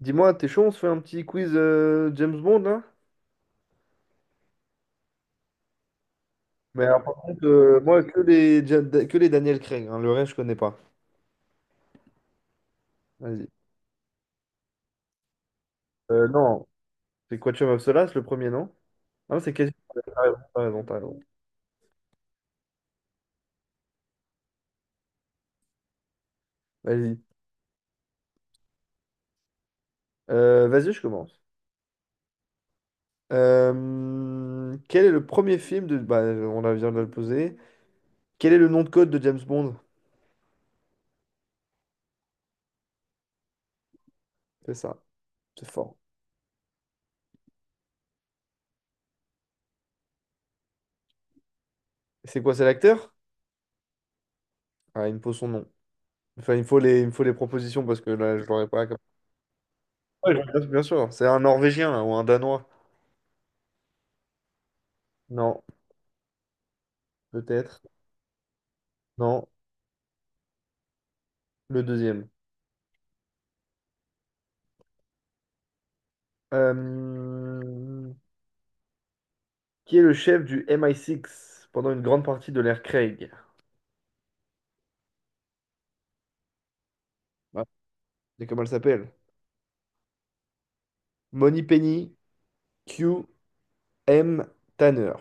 Dis-moi, t'es chaud, on se fait un petit quiz James Bond, là? Mais par contre, moi, que les, que les Daniel Craig, hein, le reste, je connais pas. Vas-y. Non, c'est Quantum of Solace, le premier, non? Ah, c'est quasi. T'as raison, t'as raison, t'as raison. Vas-y. Vas-y, je commence. Quel est le premier film de. Bah, on la vient de le poser. Quel est le nom de code de James Bond? C'est ça, c'est fort. Et c'est quoi, c'est l'acteur? Ah, il me faut son nom. Enfin, il me faut les, il me faut les propositions parce que là, je l'aurais pas. Ouais, bien bien sûr, c'est un Norvégien là, ou un Danois. Non, peut-être. Non, le deuxième. Euh, Qui est le chef du MI6 pendant une grande partie de l'ère Craig? Ouais, c'est comment elle s'appelle? Money Penny, Q, M, Tanner.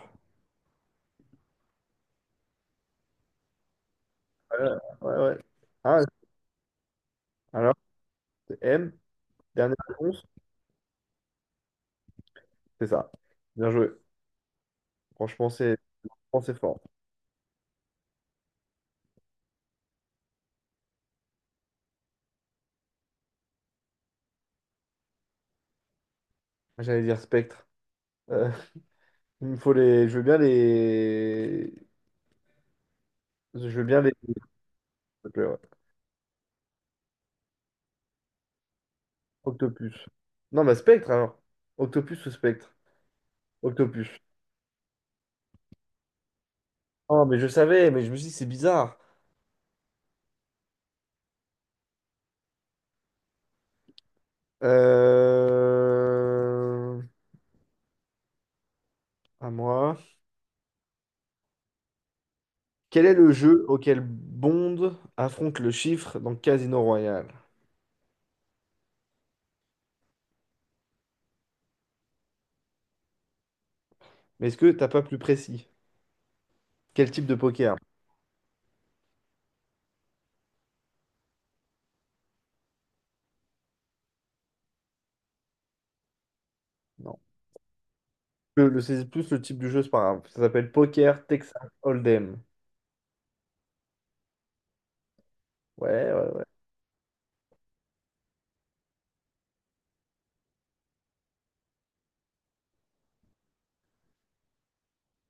Ouais, ouais, ouais. Ah, alors, c'est M, dernière réponse, c'est ça. Bien joué. Franchement, c'est fort. Ah, j'allais dire Spectre. Euh, il me faut les. Je veux bien les. Je veux bien les. S'il te plaît, ouais. Octopus. Non, bah Spectre alors. Octopus ou Spectre? Octopus. Oh, mais je savais, mais je me suis dit, c'est bizarre. Euh... À moi. Quel est le jeu auquel Bond affronte le chiffre dans Casino Royale? Mais est-ce que t'as pas plus précis? Quel type de poker? Non. C'est plus le type du jeu, c'est pas grave. Ça s'appelle Poker Texas Hold'em. Ouais, ouais, ouais.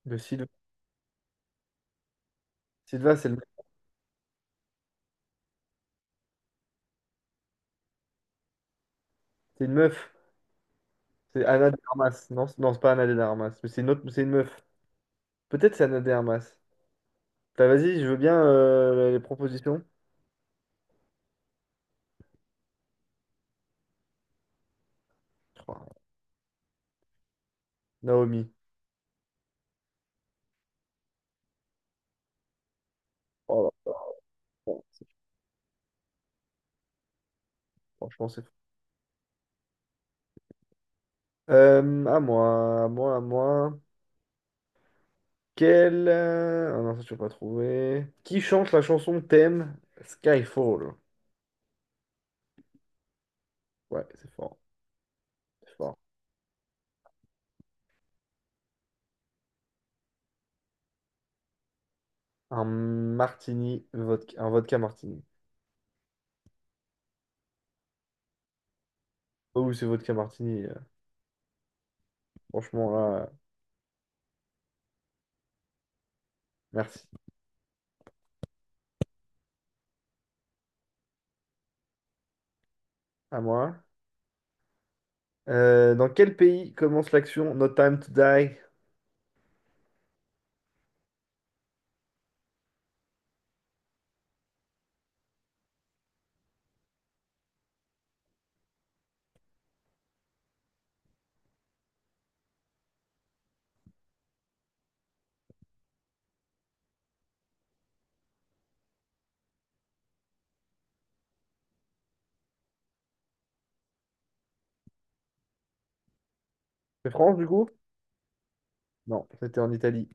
De Sylvain. Sylvain, c'est le- c'est une meuf. C'est Anna de Armas. Non, c'est pas Anna de Armas. Mais c'est une autre, c'est une meuf. Peut-être c'est Anna de Armas. T'as, vas-y, je veux bien les propositions. Oh, Naomi. Oh là. Franchement, c'est fou. À moi, à moi, à moi. Ah non, ça, tu peux pas trouver. Qui chante la chanson thème Skyfall? Ouais, c'est fort, c'est fort. Un martini, vodka, un vodka martini. Oh, oui, c'est vodka martini. Franchement, là, merci. À moi. Dans quel pays commence l'action No Time to Die? C'est France, du coup? Non, c'était en Italie.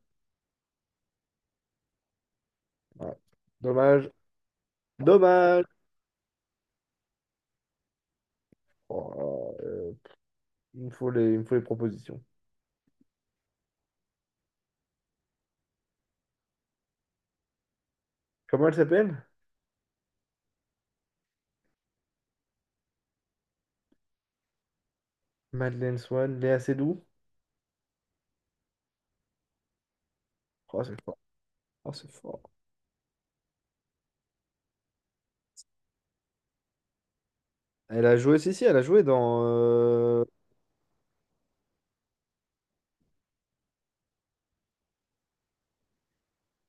Ouais. Dommage. Dommage. Oh, euh, il me faut les, il me faut les propositions. Comment elle s'appelle? Madeleine Swann, Léa Seydoux. Oh, c'est fort. Oh, c'est fort. Elle a joué, si, si, elle a joué dans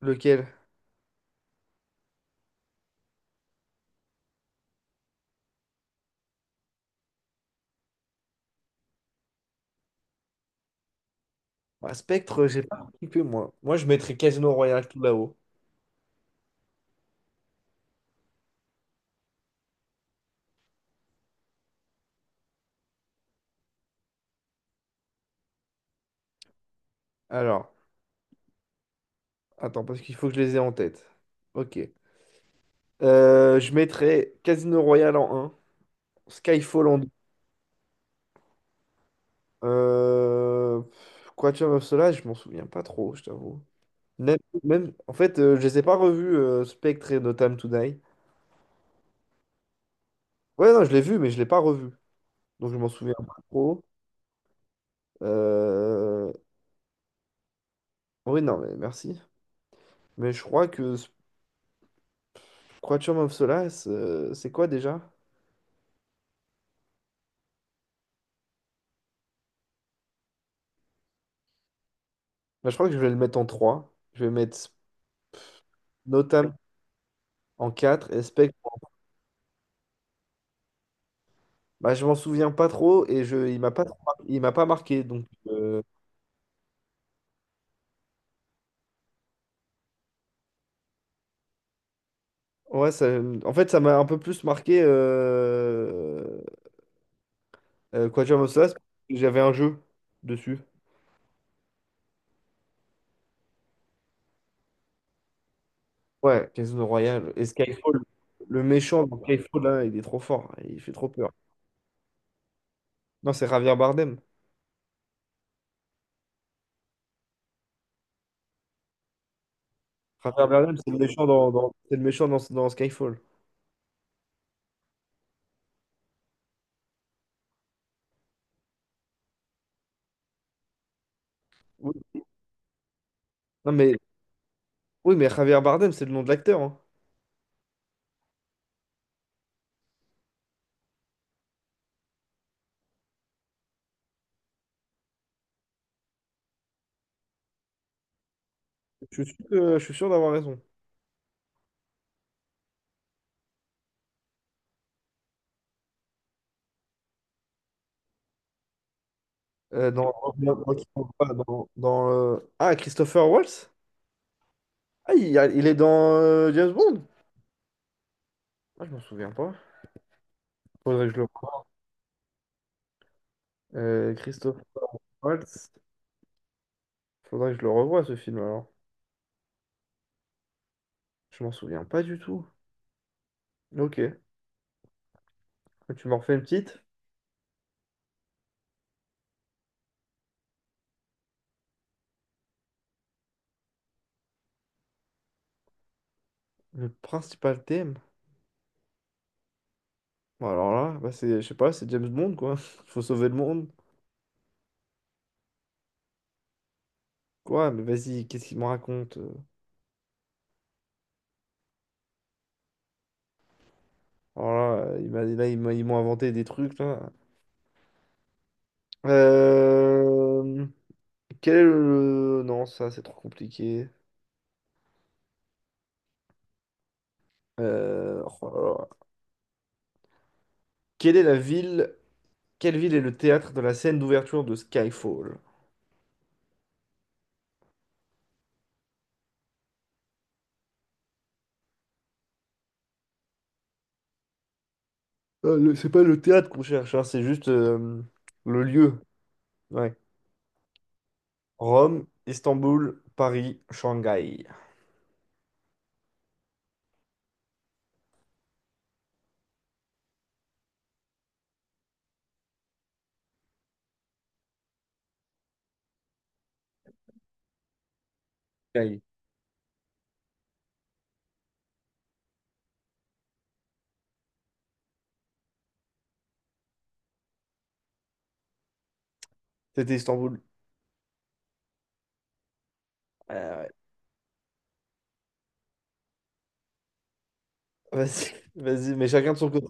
lequel? Bah, Spectre, j'ai pas cliqué, moi. Moi, je mettrais Casino Royale tout là-haut. Alors, attends, parce qu'il faut que je les ai en tête. Ok. Je mettrais Casino Royale en un, Skyfall en 2. Quantum of Solace, je m'en souviens pas trop, je t'avoue. Même, même, en fait, je les ai pas revus, Spectre et No Time to Die. Ouais, non, je l'ai vu, mais je l'ai pas revu. Donc, je m'en souviens pas trop. Euh, Oui, non, mais merci. Mais je crois que ce- Quatuor of Solace, c'est quoi déjà? Bah, je crois que je vais le mettre en trois. Je vais mettre Sp- Notam en 4 et Spectre. Bah, je m'en souviens pas trop et je, il m'a pas marqué. Donc, ouais, ça, en fait, ça m'a un peu plus marqué Quatuor of Solace parce que j'avais un jeu dessus. Ouais, Casino Royale. Et Skyfall, le méchant dans Skyfall, là, il est trop fort. Il fait trop peur. Non, c'est Javier Bardem. Javier Bardem, c'est le méchant dans, dans Skyfall. Oui. Non, mais, oui, mais Javier Bardem, c'est le nom de l'acteur, hein. Je suis sûr d'avoir raison. Euh, dans, Ah, Christopher Waltz? Ah, il est dans James Bond? Ah, je m'en souviens pas. Faudrait que je le revoie. Christopher Waltz. Faudrait que je le revoie, ce film, alors. Je m'en souviens pas du tout. Ok. Tu m'en refais une petite? Le principal thème? Bon, alors là, bah, c'est, je sais pas, c'est James Bond, quoi. Faut sauver le monde. Quoi? Mais vas-y, qu'est-ce qu'il me raconte? Alors là, il m'a- là, ils m'a- ils m'ont inventé des trucs, là. Euh... Quel est le... Non, ça, c'est trop compliqué. Oh là là. Quelle est la ville... Quelle ville est le théâtre de la scène d'ouverture de Skyfall? C'est pas le théâtre qu'on cherche, hein, c'est juste le lieu. Ouais. Rome, Istanbul, Paris, Shanghai. Shanghai. C'était Istanbul. Ouais. Vas-y, vas-y, mais chacun de son côté.